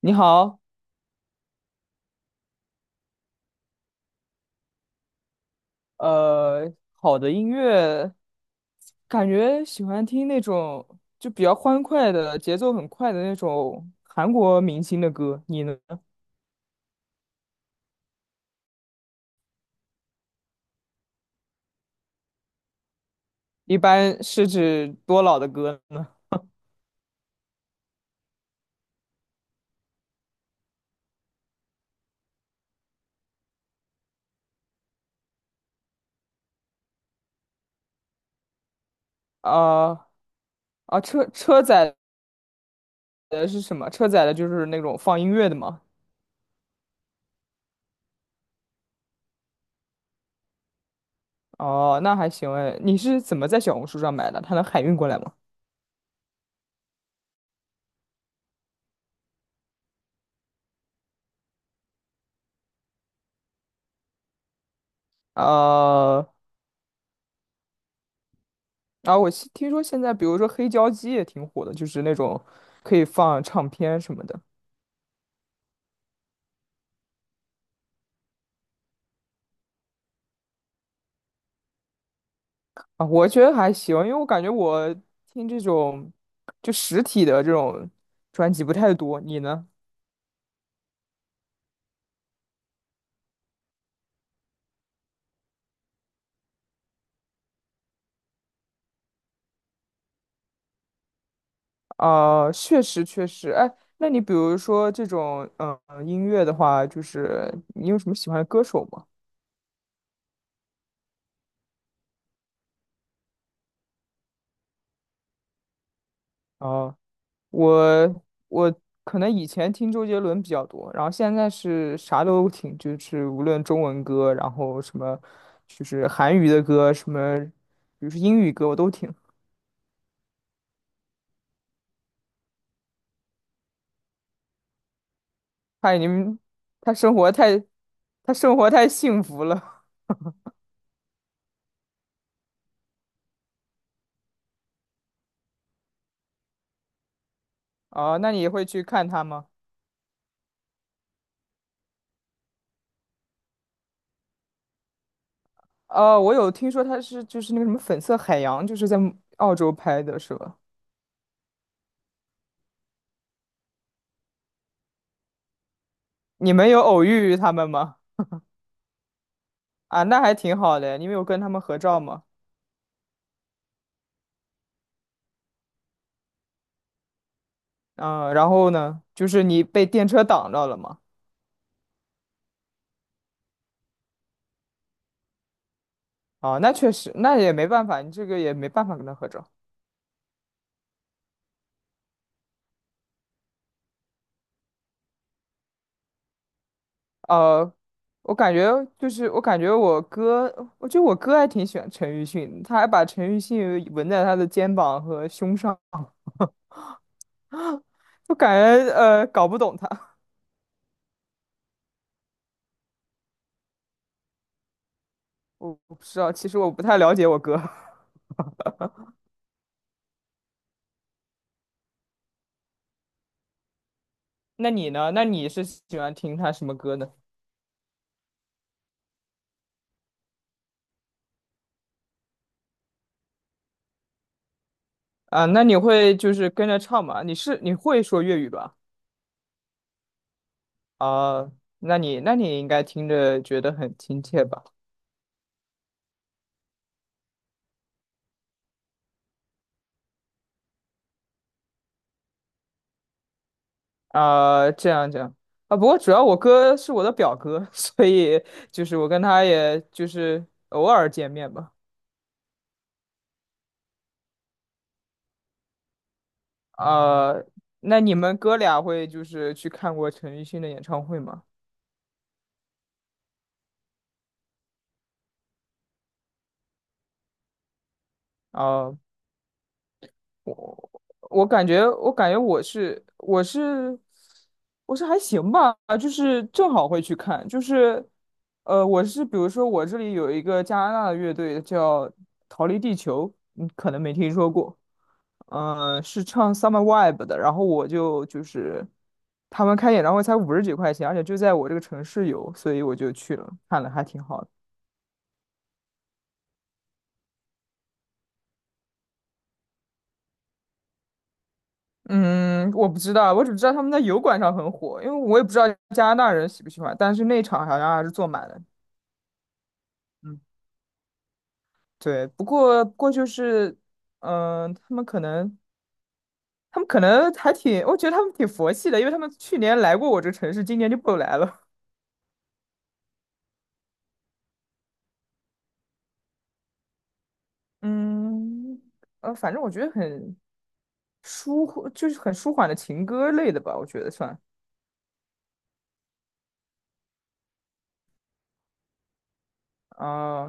你好。好的音乐，感觉喜欢听那种就比较欢快的，节奏很快的那种韩国明星的歌。你呢？一般是指多老的歌呢？啊车载的是什么？车载的就是那种放音乐的吗？哦，那还行哎。你是怎么在小红书上买的？它能海运过来吗？呃，啊，我现听说现在比如说黑胶机也挺火的，就是那种可以放唱片什么的。啊，我觉得还行，因为我感觉我听这种就实体的这种专辑不太多。你呢？啊、确实确实。哎，那你比如说这种音乐的话，就是你有什么喜欢的歌手吗？啊、我我可能以前听周杰伦比较多，然后现在是啥都听，就是无论中文歌，然后什么就是韩语的歌，什么比如说英语歌，我都听。嗨，你们，他生活太，他生活太幸福了。哦，那你会去看他吗？哦，我有听说他是就是那个什么《粉色海洋》，就是在澳洲拍的，是吧？你们有偶遇他们吗？啊，那还挺好的。你们有跟他们合照吗？嗯，然后呢，就是你被电车挡着了吗？哦，那确实，那也没办法，你这个也没办法跟他合照。呃，我感觉我感觉我哥，我觉得我哥还挺喜欢陈奕迅的，他还把陈奕迅纹在他的肩膀和胸上，我感觉呃搞不懂他。我不知道，其实我不太了解我哥。那你呢？那你是喜欢听他什么歌呢？啊，那你会就是跟着唱吗？你是你会说粤语吧？啊，那你应该听着觉得很亲切吧？啊、这样这样。啊，不过主要我哥是我的表哥，所以就是我跟他也就是偶尔见面吧。啊，那你们哥俩会就是去看过陈奕迅的演唱会吗？啊、我感觉，我感觉我是我是我是还行吧，就是正好会去看，就是我是比如说我这里有一个加拿大的乐队叫《逃离地球》，你可能没听说过，是唱《Summer Vibe》的，然后我就是他们开演唱会才50几块钱，而且就在我这个城市有，所以我就去了，看了还挺好的。嗯，我不知道，我只知道他们在油管上很火，因为我也不知道加拿大人喜不喜欢，但是那场好像还是坐满了。嗯，对，不过就是，嗯、他们可能他们可能还挺，我觉得他们挺佛系的，因为他们去年来过我这城市，今年就不来了。嗯，反正我觉得很舒，就是很舒缓的情歌类的吧，我觉得算。啊、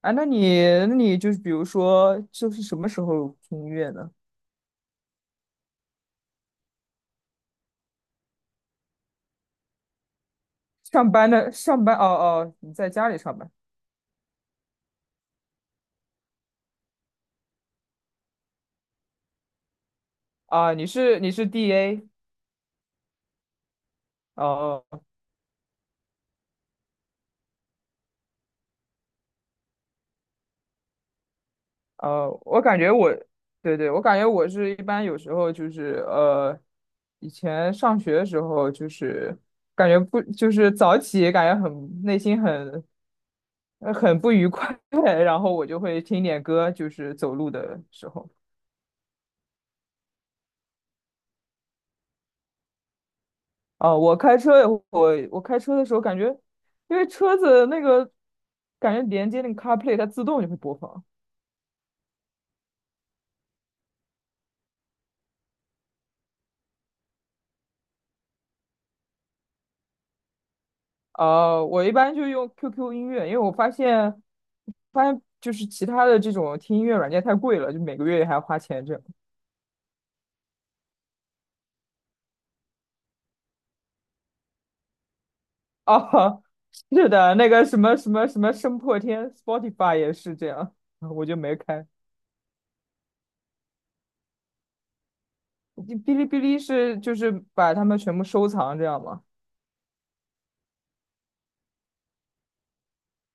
啊，那你就是比如说，就是什么时候听音乐呢？上班的上班哦哦，你在家里上班？啊？你是 DA？ 哦哦。呃我感觉我对对，我感觉我是一般有时候就是以前上学的时候就是感觉不就是早起，感觉很内心很很不愉快，然后我就会听点歌，就是走路的时候。哦，我开车的时候感觉，因为车子那个感觉连接那个 CarPlay，它自动就会播放。呃，我一般就用 QQ 音乐，因为我发现，发现就是其他的这种听音乐软件太贵了，就每个月还要花钱这样。哦，是的，那个什么声破天，Spotify 也是这样，我就没开。哔哩哔哩是就是把它们全部收藏这样吗？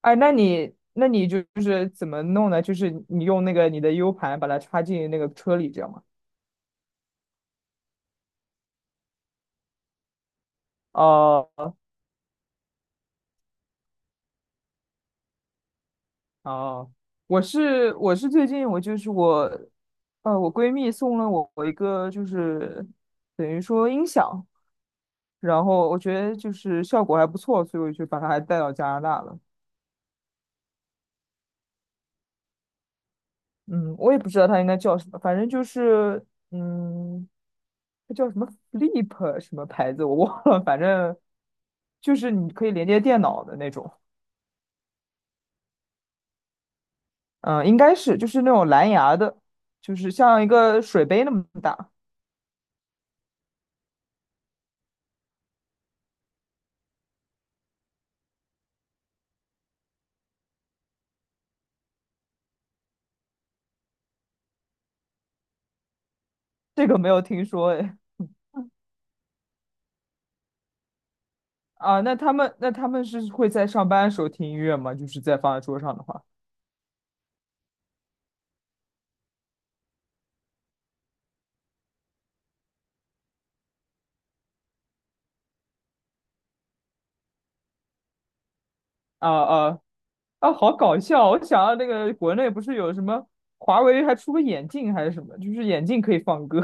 哎，那你就是怎么弄呢？就是你用那个你的 U 盘把它插进那个车里这样吗？哦哦，我是我是最近我就是我，呃，我闺蜜送了我一个就是等于说音响，然后我觉得就是效果还不错，所以我就把它还带到加拿大了。嗯，我也不知道它应该叫什么，反正就是嗯，它叫什么 Flip 什么牌子我忘了，反正就是你可以连接电脑的那种。嗯，应该是就是那种蓝牙的，就是像一个水杯那么大。这个没有听说诶。啊，那他们是会在上班的时候听音乐吗？就是在放在桌上的话，啊啊啊，好搞笑！我想到那个国内不是有什么华为还出个眼镜还是什么，就是眼镜可以放歌。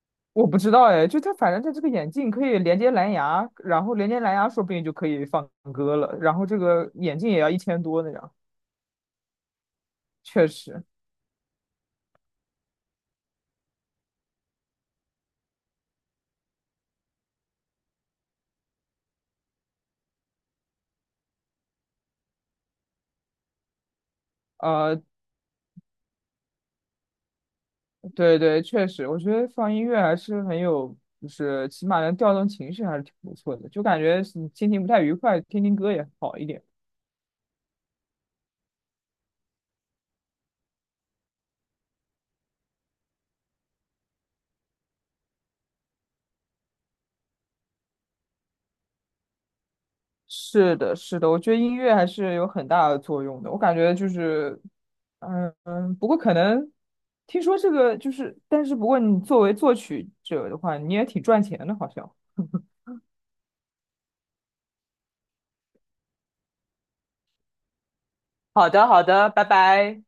我不知道哎，就它反正它这个眼镜可以连接蓝牙，然后连接蓝牙说不定就可以放歌了，然后这个眼镜也要1000多那样，确实。呃，对对，确实，我觉得放音乐还是很有，就是起码能调动情绪，还是挺不错的。就感觉是你心情不太愉快，听听歌也好一点。是的，是的，我觉得音乐还是有很大的作用的。我感觉就是，嗯嗯，不过可能听说这个就是，但是不过你作为作曲者的话，你也挺赚钱的，好像。好的，好的，拜拜。